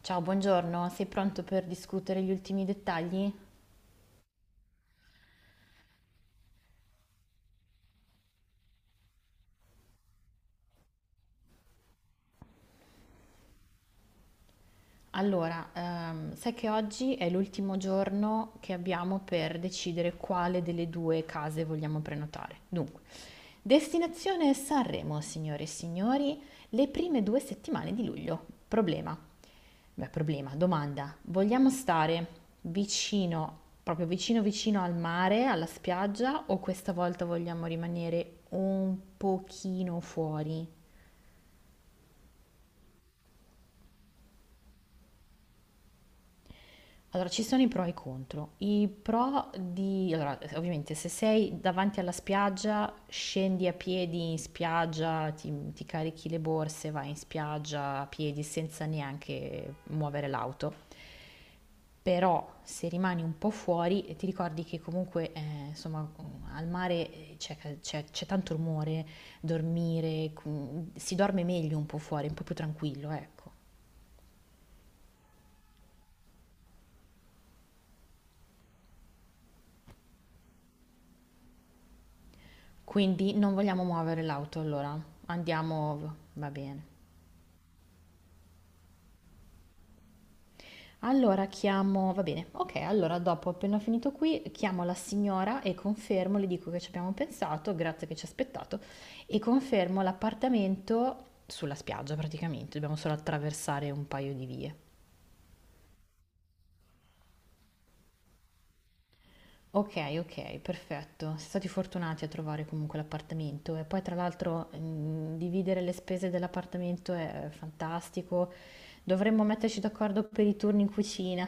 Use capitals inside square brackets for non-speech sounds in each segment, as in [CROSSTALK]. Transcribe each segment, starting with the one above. Ciao, buongiorno, sei pronto per discutere gli ultimi dettagli? Allora, sai che oggi è l'ultimo giorno che abbiamo per decidere quale delle due case vogliamo prenotare. Dunque, destinazione Sanremo, signore e signori, le prime 2 settimane di luglio. Problema. Beh, problema, domanda. Vogliamo stare vicino, proprio vicino vicino al mare, alla spiaggia, o questa volta vogliamo rimanere un pochino fuori? Allora, ci sono i pro e i contro. I pro di... Allora, ovviamente se sei davanti alla spiaggia, scendi a piedi in spiaggia, ti carichi le borse, vai in spiaggia a piedi senza neanche muovere l'auto. Però se rimani un po' fuori, ti ricordi che comunque, insomma, al mare c'è tanto rumore, dormire, si dorme meglio un po' fuori, un po' più tranquillo, ecco. Quindi non vogliamo muovere l'auto, allora andiamo, va bene. Allora chiamo va bene, okay, allora dopo appena ho finito qui, chiamo la signora e confermo, le dico che ci abbiamo pensato, grazie che ci ha aspettato, e confermo l'appartamento sulla spiaggia praticamente, dobbiamo solo attraversare un paio di vie. Okay, okay, perfetto. Siete stati fortunati a trovare comunque l'appartamento e poi tra l'altro, dividere le spese dell'appartamento è fantastico. Dovremmo metterci d'accordo per i turni in cucina.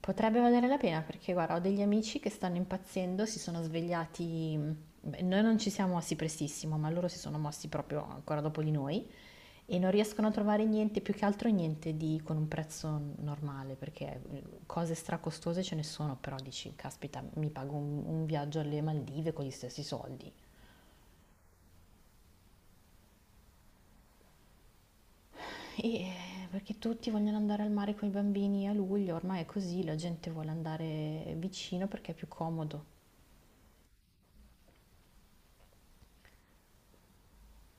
Potrebbe valere la pena perché guarda, ho degli amici che stanno impazzendo, si sono svegliati, beh, noi non ci siamo mossi prestissimo, ma loro si sono mossi proprio ancora dopo di noi e non riescono a trovare niente, più che altro niente di con un prezzo normale, perché cose stracostose ce ne sono, però dici, caspita, mi pago un viaggio alle Maldive con gli stessi soldi. E eh, perché tutti vogliono andare al mare con i bambini a luglio, ormai è così, la gente vuole andare vicino perché è più comodo.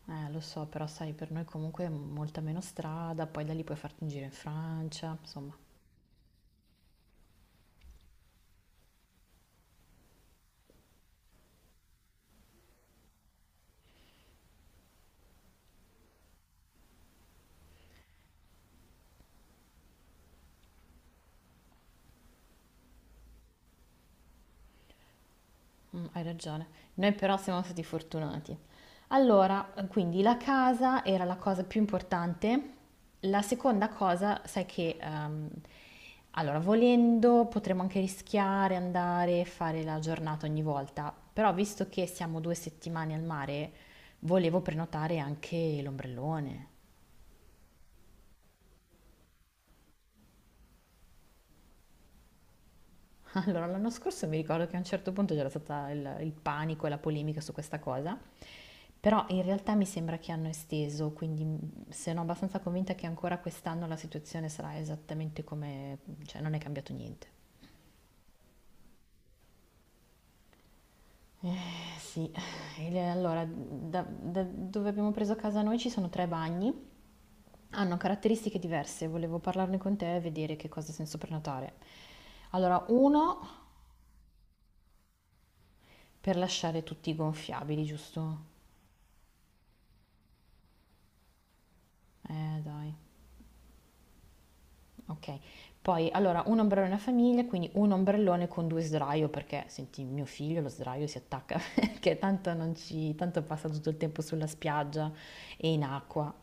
Lo so, però sai, per noi comunque è molta meno strada, poi da lì puoi farti un giro in Francia, insomma. Mm, hai ragione. Noi però siamo stati fortunati. Allora, quindi la casa era la cosa più importante. La seconda cosa, sai che, allora, volendo potremmo anche rischiare andare a fare la giornata ogni volta, però visto che siamo 2 settimane al mare, volevo prenotare anche l'ombrellone. Allora, l'anno scorso mi ricordo che a un certo punto c'era stata il panico e la polemica su questa cosa, però in realtà mi sembra che hanno esteso, quindi sono abbastanza convinta che ancora quest'anno la situazione sarà esattamente come, cioè non è cambiato niente. Sì. Allora, da dove abbiamo preso casa noi ci sono tre bagni, hanno caratteristiche diverse, volevo parlarne con te e vedere che cosa senso prenotare. Allora, uno per lasciare tutti gonfiabili, giusto? Dai. Okay. Poi allora 1 ombrellone a famiglia, quindi 1 ombrellone con 2 sdraio perché senti mio figlio lo sdraio si attacca [LAUGHS] perché tanto non ci tanto passa tutto il tempo sulla spiaggia e in acqua.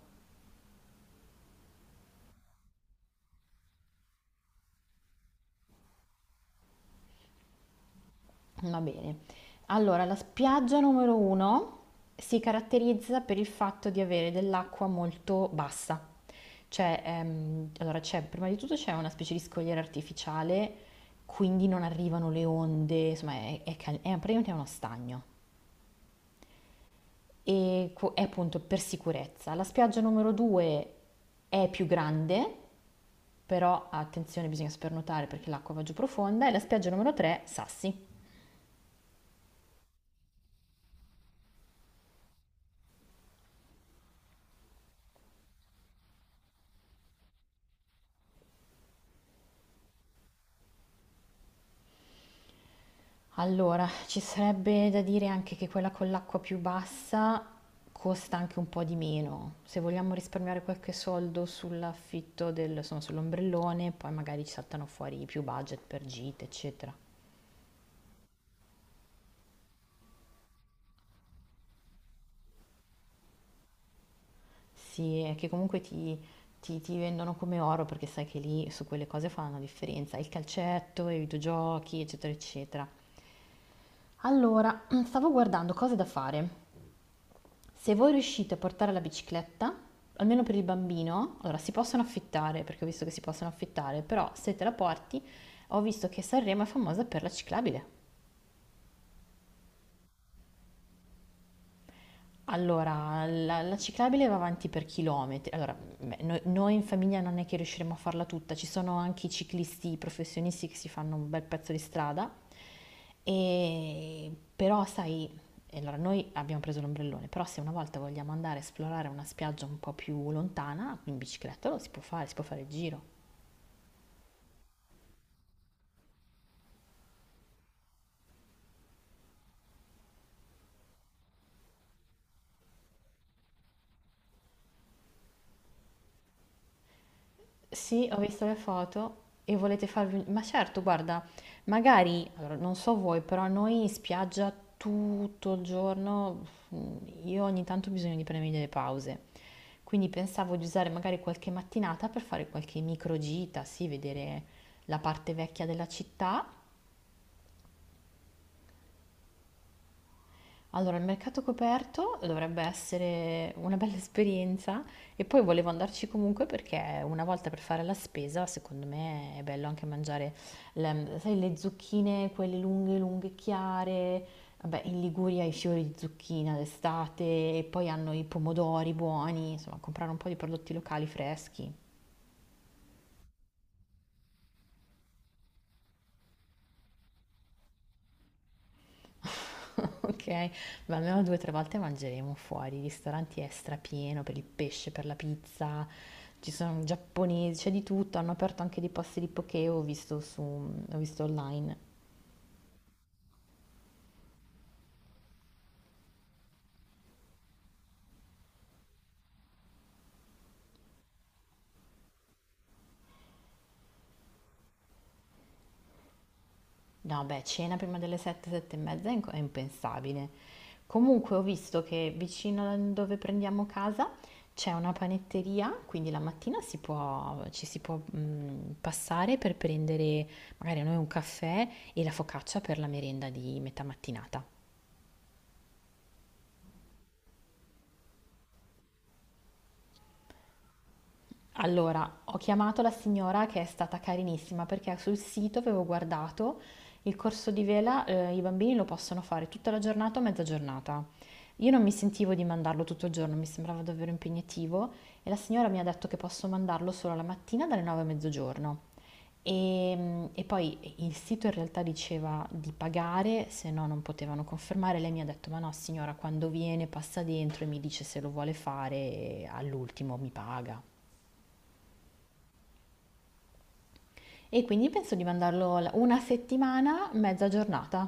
Va bene. Allora la spiaggia numero 1 si caratterizza per il fatto di avere dell'acqua molto bassa. Cioè, allora c'è prima di tutto c'è una specie di scogliera artificiale, quindi non arrivano le onde, insomma è praticamente uno stagno. E appunto per sicurezza. La spiaggia numero 2 è più grande, però attenzione, bisogna spernotare perché l'acqua va giù profonda. E la spiaggia numero 3, sassi. Allora, ci sarebbe da dire anche che quella con l'acqua più bassa costa anche un po' di meno. Se vogliamo risparmiare qualche soldo sull'affitto del, insomma, sull'ombrellone, poi magari ci saltano fuori più budget per gite, eccetera. Sì, è che comunque ti vendono come oro perché sai che lì su quelle cose fanno la differenza, il calcetto, i videogiochi, eccetera, eccetera. Allora, [CLEARS THROAT] stavo guardando cose da fare. Se voi riuscite a portare la bicicletta, almeno per il bambino, allora si possono affittare, perché ho visto che si possono affittare, però se te la porti, ho visto che Sanremo è famosa per la ciclabile. Allora, la ciclabile va avanti per chilometri. Allora, beh, noi in famiglia non è che riusciremo a farla tutta, ci sono anche i ciclisti professionisti che si fanno un bel pezzo di strada, e, però sai, e allora noi abbiamo preso l'ombrellone, però se una volta vogliamo andare a esplorare una spiaggia un po' più lontana, in bicicletta lo si può fare il giro. Sì, ho visto le foto e volete farvi... Ma certo, guarda, magari, allora, non so voi, però noi in spiaggia tutto il giorno, mm, io ogni tanto ho bisogno di prendermi delle pause. Quindi pensavo di usare magari qualche mattinata per fare qualche microgita, sì, vedere la parte vecchia della città. Allora, il mercato coperto dovrebbe essere una bella esperienza e poi volevo andarci comunque perché una volta per fare la spesa, secondo me è bello anche mangiare, le, sai, le zucchine, quelle lunghe, lunghe, chiare. Vabbè, in Liguria i fiori di zucchina d'estate e poi hanno i pomodori buoni, insomma, comprare un po' di prodotti locali freschi. [LAUGHS] Okay, ma almeno 2, 3 volte mangeremo fuori, i ristoranti è strapieno per il pesce, per la pizza, ci sono giapponesi, c'è di tutto, hanno aperto anche dei posti di poké, ho visto online. No beh, cena prima delle 7, 7 e mezza è impensabile. Comunque ho visto che vicino a dove prendiamo casa c'è una panetteria, quindi la mattina si può ci si può, passare per prendere magari noi un caffè e la focaccia per la merenda di metà mattinata. Allora, ho chiamato la signora che è stata carinissima perché sul sito avevo guardato il corso di vela, i bambini lo possono fare tutta la giornata o mezza giornata. Io non mi sentivo di mandarlo tutto il giorno, mi sembrava davvero impegnativo e la signora mi ha detto che posso mandarlo solo la mattina dalle 9 a mezzogiorno. E poi il sito in realtà diceva di pagare, se no non potevano confermare. Lei mi ha detto: Ma no, signora, quando viene passa dentro e mi dice se lo vuole fare, e all'ultimo mi paga. E quindi penso di mandarlo una settimana, mezza giornata.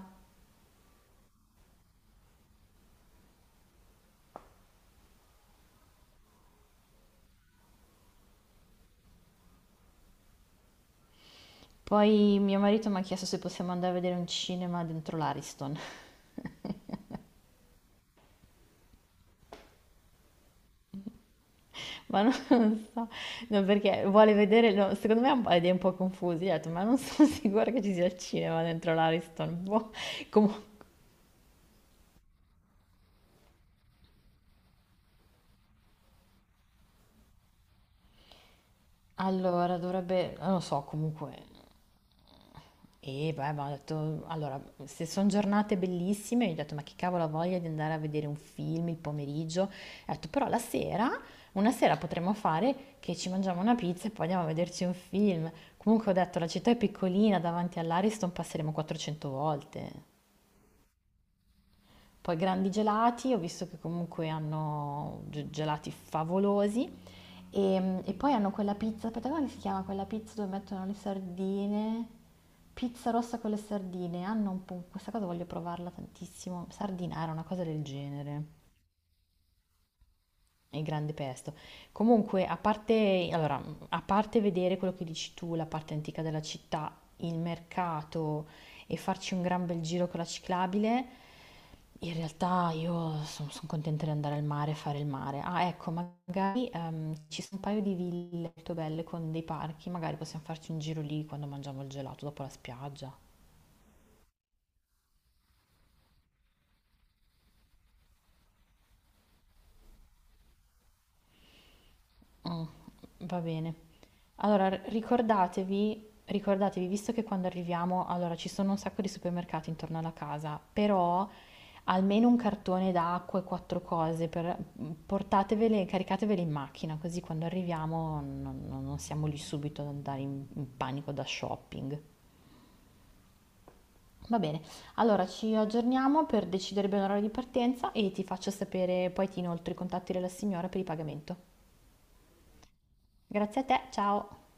Poi mio marito mi ha chiesto se possiamo andare a vedere un cinema dentro l'Ariston, [LAUGHS] ma non so, no, perché vuole vedere, no, secondo me ha un po' idee un po' confuse, gli ho detto, ma non sono [LAUGHS] sicura che ci sia il cinema dentro l'Ariston. Boh. Comu- allora, dovrebbe, non lo so, comunque. E beh, ma ho detto, allora, se sono giornate bellissime, gli ho detto, ma che cavolo ha voglia di andare a vedere un film il pomeriggio? Ho detto, però la sera, una sera potremmo fare che ci mangiamo una pizza e poi andiamo a vederci un film. Comunque ho detto, la città è piccolina, davanti all'Ariston passeremo 400 volte. Poi grandi gelati, ho visto che comunque hanno gelati favolosi e, poi hanno quella pizza, aspetta, come si chiama quella pizza dove mettono le sardine? Pizza rossa con le sardine. Hanno un po', questa cosa voglio provarla tantissimo. Sardinara, una cosa del genere. Il grande pesto. Comunque, a parte, allora, a parte vedere quello che dici tu, la parte antica della città, il mercato e farci un gran bel giro con la ciclabile, in realtà io sono contenta di andare al mare e fare il mare. Ah, ecco, magari ci sono un paio di ville molto belle con dei parchi, magari possiamo farci un giro lì quando mangiamo il gelato dopo la spiaggia. Mh, va bene. Allora r ricordatevi ricordatevi, visto che quando arriviamo allora ci sono un sacco di supermercati intorno alla casa, però almeno un cartone d'acqua e 4 cose per portatevele caricatevele in macchina, così quando arriviamo non siamo lì subito ad andare in panico da shopping. Va bene, allora ci aggiorniamo per decidere bene l'orario di partenza e ti faccio sapere poi ti inoltro i contatti della signora per il pagamento. Grazie a te, ciao.